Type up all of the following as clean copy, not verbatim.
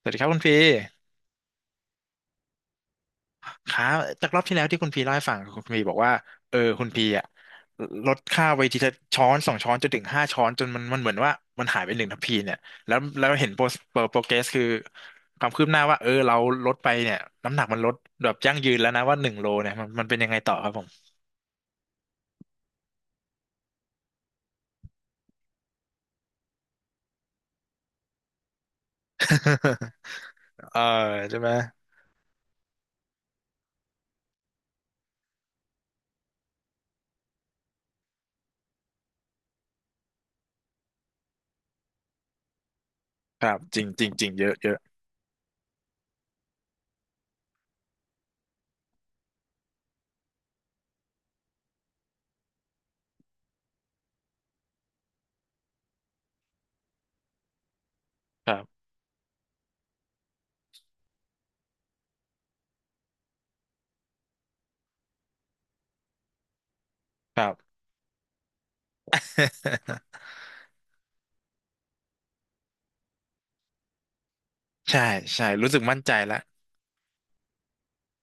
สวัสดีครับคุณพีครับจากรอบที่แล้วที่คุณพีเล่าให้ฟังคุณพีบอกว่าคุณพีอะลดค่าไปทีละช้อนสองช้อนจนถึงห้าช้อนจนมันเหมือนว่ามันหายไปหนึ่งทัพพีเนี่ยแล้วเห็นโปรโปรเกรสคือความคืบหน้าว่าเออเราลดไปเนี่ยน้ำหนักมันลดแบบยั่งยืนแล้วนะว่าหนึ่งโลเนี่ยมันเป็นยังไงต่อครับผม เออใช่ไหมครับจริงจริงจริงเยอะเยอะครับครับ ใช่ใช่รู้สึกมั่นใจแล้ว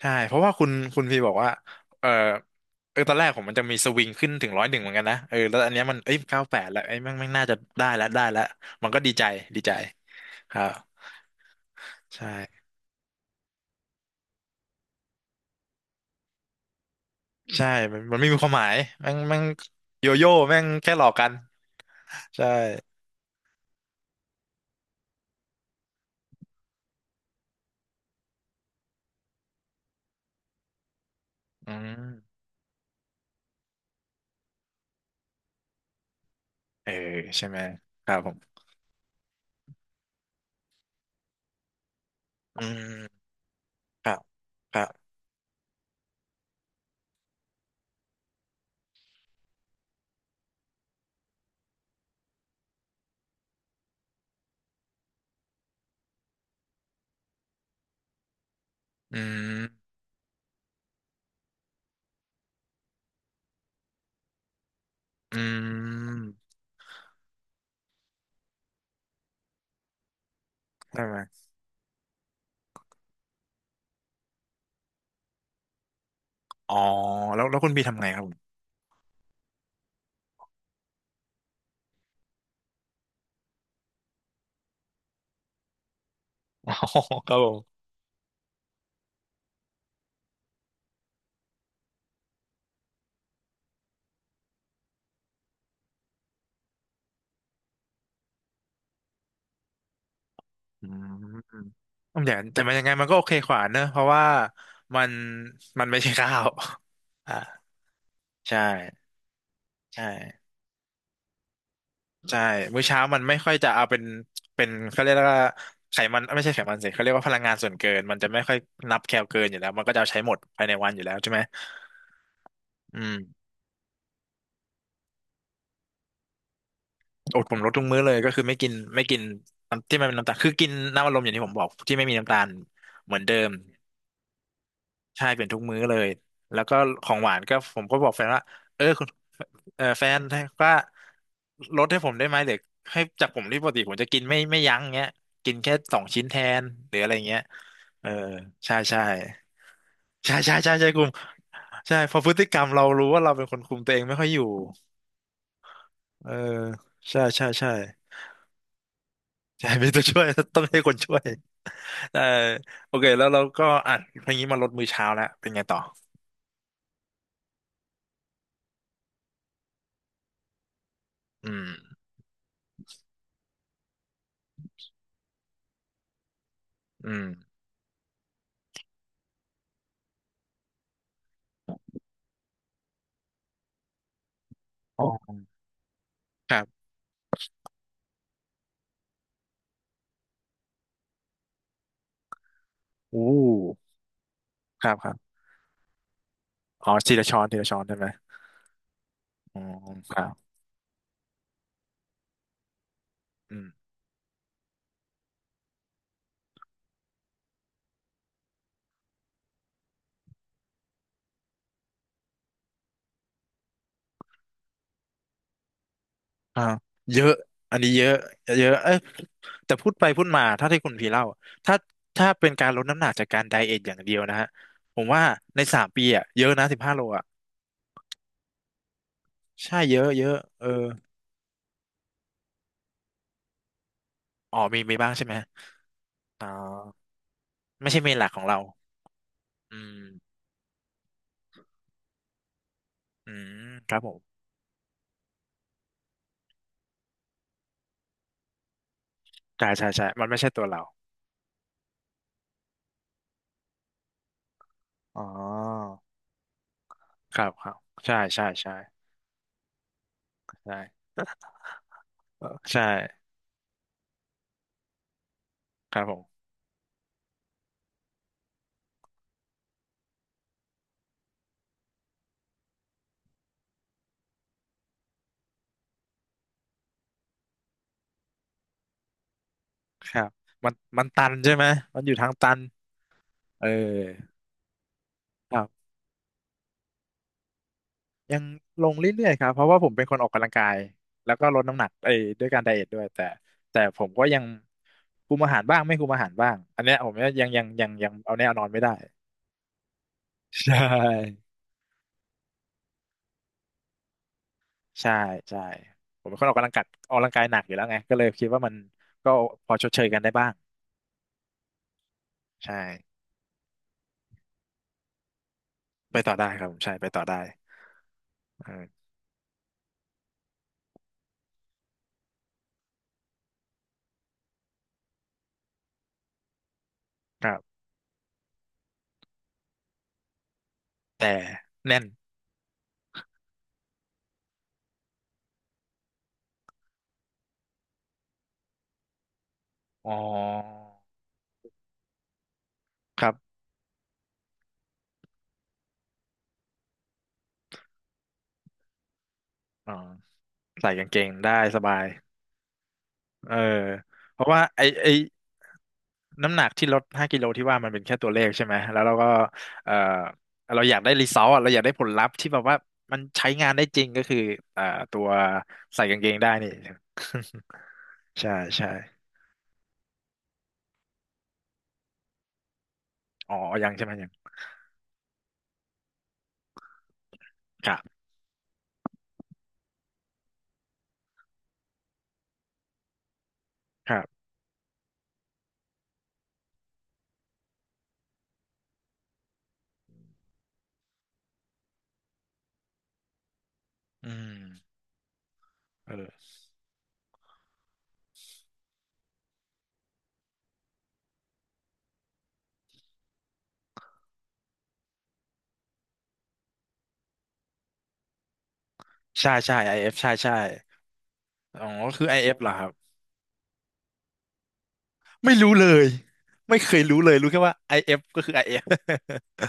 ใช่เพราะว่าคุณพี่บอกว่าเออเออตอนแรกผมมันจะมีสวิงขึ้นถึงร้อยหนึ่งเหมือนกันนะเออแล้วอันเนี้ยมันเอ้ยเก้าแปดแล้วไอ้ยแม่งน่าจะได้แล้วมันก็ดีใจดีใจครับใช่ใช่มันไม่มีความหมายแม่งโยโย่แม่งแค่หลอกกันใช่อืมเออใช่ไหมครับผมอืมครับครับอืมอืมใช่ไหมอ๋อแล้วคุณพี่ทำไงครับผมอ๋อครับผม อืมแต่มันยังไงมันก็โอเคขวาเนอะเพราะว่ามันมันไม่ใช่ข้าวอ่าใช่ใช่ใช่มื้อเช้ามันไม่ค่อยจะเอาเป็นเป็นเขาเรียกว่าไขมันไม่ใช่ไขมันสิเขาเรียกว่าพลังงานส่วนเกินมันจะไม่ค่อยนับแคลเกินอยู่แล้วมันก็จะเอาใช้หมดภายในวันอยู่แล้วใช่ไหมอืมอดผมลดทุกมื้อเลยก็คือไม่กินน้ำที่มันเป็นน้ำตาลคือกินน้ำอัดลมอย่างที่ผมบอกที่ไม่มีน้ำตาลเหมือนเดิมใช่เป็นทุกมื้อเลยแล้วก็ของหวานก็ผมก็บอกแฟนว่าเออ เออแฟนก่ลดให้ผมได้ไหมหรือให้จากผมที่ปกติผมจะกินไม่ยั้งเงี้ยกินแค่สองชิ้นแทนหรืออะไรเงี้ยเออใช่ใช่ใช่ใช่ใช่ใช่คุมใช่เพอพฤติกรรมเรารู้ว่าเราเป็นคนคุมตัวเองไม่ค่อยอยู่เออใช่ใช่ใช่ใช่มีตัวช่วย ต้องให้คนช่วยเออโอเคแล้วเราก็อ่ะพออย่างนี้มาลดมื้อเช้าแล้วเป็นไงต่ออืมอืมอ๋อครับอู้ครับครับอ๋อทีละช้อนใช่ไหมอ๋อครับอืม อ่าเยอะอันนี้เยอะเยอะเอ้ยแต่พูดไปพูดมาถ้าที่คุณพีเล่าถ้าถ้าเป็นการลดน้ำหนักจากการไดเอทอย่างเดียวนะฮะผมว่าในสามปีอะเยอะนะสิบห้าโลอะใช่เยอะเยอะเอออ๋อมีมีบ้างใช่ไหมอ๋อไม่ใช่เมนหลักของเราอืมอืมครับผมใช่ใช่ใช่มันไม่ใช่ตัวเราอ๋อครับครับใช่ใช่ใช่ใช่เออใช่ครับผมครับมันตันใช่ไหมมันอยู่ทางตันเออครับ ยังลงเรื่อยๆครับเพราะว่าผมเป็นคนออกกำลังกายแล้วก็ลดน้ำหนักเอ้ยด้วยการไดเอทด้วยแต่ผมก็ยังคุมอาหารบ้างไม่คุมอาหารบ้างอันเนี้ยผมยังเอาแน่เอานอนไม่ได้ใช่ใช่ใช่ผมเป็นคนออกกำลังกายออกกำลังกายหนักอยู่แล้วไงก็เลยคิดว่ามันก็พอชดเชยกันได้บ้างใช่ไปต่อได้ครับผมใช่ไปต่อได้เออครับแต่แน่นอ๋อครับอ๋อใส่กางเกงได้สบายเออเพราะว่าไอไอ น้ำหนักที่ลดห้ากิโลที่ว่ามันเป็นแค่ตัวเลขใช่ไหม แล้วเราก็เอ่อเราอยากได้รีซอสเราอยากได้ผลลัพธ์ที่แบบว่ามันใช้งานได้จริงก็คือเอ่อตัวใส่กางเกงได้นี่ใช่ใช่อ๋อยังใช่ไหมยังครับครับอืมเออใช่ใช่ IF ใช่ใช่อ๋อคือ IF เอฟเหรอครับไม่รู้เลยไม่เคยรู้เลยรู้แค่ว่าไอเอฟก็คือ IF อเอฟ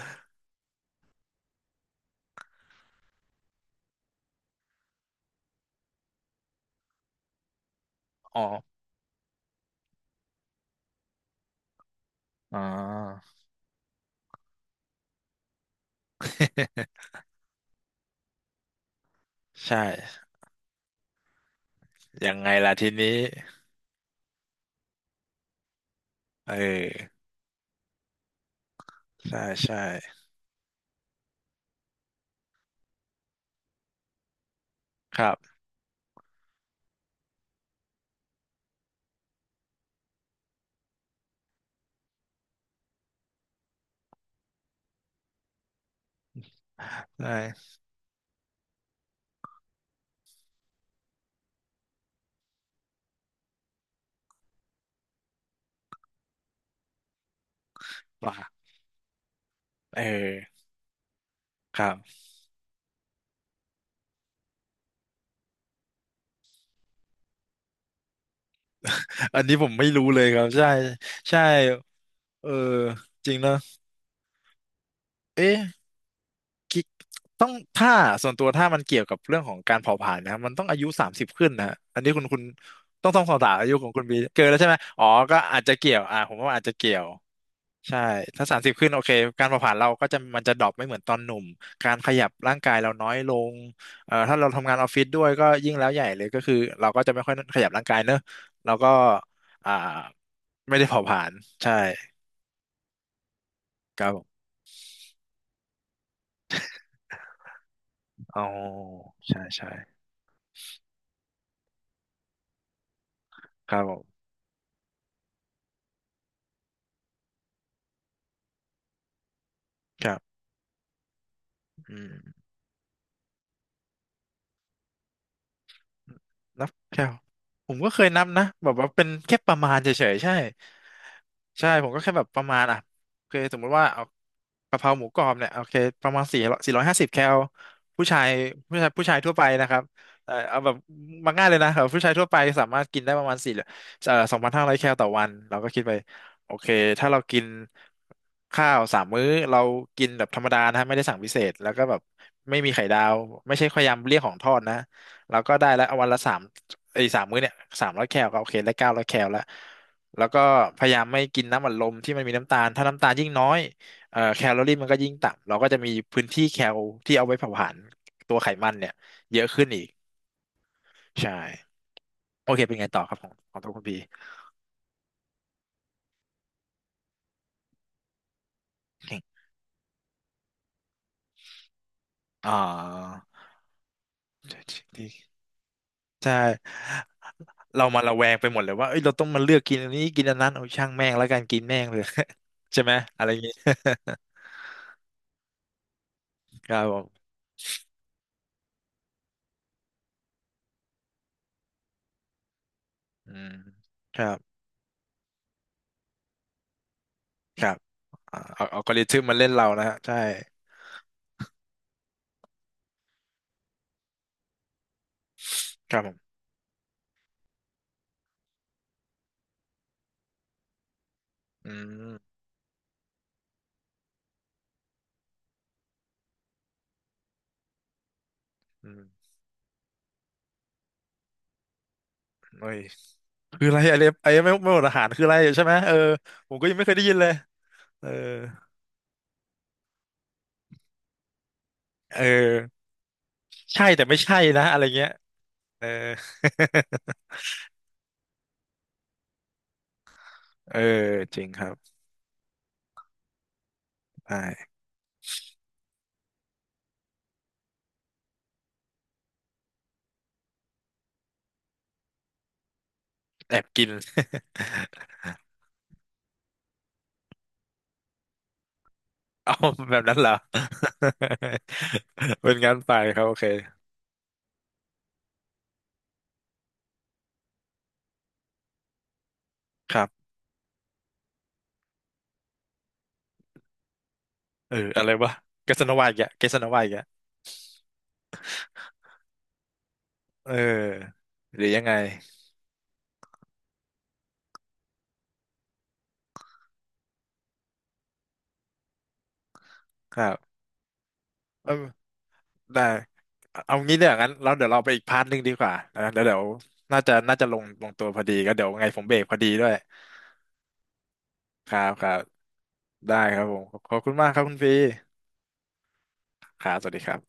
อ๋ออ๋อ ใช่ยังไงล่ะทีนี้เออใช่ใช่ครับใช่ ว่าเออครับอันนี้ผมไม่รู้เลยครับ ใช่ใช่เออจริงเนอะเอ๊ะ กิ๊กต้องถ้าส่วนตัวถ้ามันเกี่ยวกับเรื่องของการเผาผลาญนะครับมันต้องอายุสามสิบขึ้นนะฮะอันนี้คุณต้องสอบถามอายุของคุณบีเกินแล้วใช่ไหมอ๋อก็อาจจะเกี่ยวอ่าผมว่าอาจจะเกี่ยวใช่ถ้าสามสิบขึ้นโอเคการเผาผลาญเราก็จะมันจะดรอปไม่เหมือนตอนหนุ่มการขยับร่างกายเราน้อยลงถ้าเราทำงานออฟฟิศด้วยก็ยิ่งแล้วใหญ่เลยก็คือเราก็จะไม่ค่อยขยับร่างกายเนอะเราก็อ่าไม่ได้เผาผลาญใช่ครับผมอ๋อใช่ใช่ครับผมครับอืม นับแคลผมก็เคยนับนะแบบว่าเป็นแค่ประมาณเฉยๆใช่ใช่ผมก็แค่แบบประมาณอ่ะโอเคสมมติว่าเอากะเพราหมูกรอบเนี่ยโอเคประมาณสี่ร้อยห้าสิบแคลผู้ชายผู้ชายทั่วไปนะครับเอาแบบมาง่ายเลยนะครับผู้ชายทั่วไปสามารถกินได้ประมาณสี่เอ่อ2,500แคลต่อวันเราก็คิดไปโอเคถ้าเรากินข้าวสามมื้อเรากินแบบธรรมดานะฮะไม่ได้สั่งพิเศษแล้วก็แบบไม่มีไข่ดาวไม่ใช่พยายามเลี่ยงของทอดนะ แล้วก็ได้แล้ววันละสามไอ้สามมื้อเนี่ย300แคลก็โอเคได้900แคลแล้วแล้วก็พยายามไม่กินน้ำอัดลมที่มันมีน้ำตาลถ้าน้ำตาลยิ่งน้อยแคลอรี่มันก็ยิ่งต่ำเราก็จะมีพื้นที่แคลที่เอาไว้เผาผลาญตัวไขมันเนี่ยเยอะขึ้นอีกใช่โอเคเป็นไงต่อครับของตัวคุณพีอ่าใช่เรามาระแวงไปหมดเลยว่าเอ้ยเราต้องมาเลือกกินอันนี้กินอันนั้นเอาช่างแม่งแล้วกันกินแม่งเลย ใช่ไหมอะไรอย่างงี้ครับผมอืมครับ ครับอ่าเอากอริทึมมาเล่นเรานะฮะใช่ครับผมอืมอืมเอ้ยคืออะไรIFไอ้ไม่หมดอาหารคืออะไรใช่ไหมเออผมก็ยังไม่เคยได้ยินเลยเออเออใช่แต่ไม่ใช่นะอะไรเงี้ยเออ เออจริงครับใช่แอบกิน เอาแบบนั้นเหรอ เป็นงั้นไปครับโอเคครับเอออะไรวะเกสโนวาอีกอะเกสโนวาอีกอะเออหรือยังไงครับ ได้เอางี้เนี่ยงั้นเราเดี๋ยวเราไปอีกพาร์ทหนึ่งดีกว่านะเดี๋ยวน่าจะลงตัวพอดีก็เดี๋ยวไงผมเบรกพอดีด้วยครับครับได้ครับผมขอบคุณมากครับคุณฟรีครับสวัสดีครับ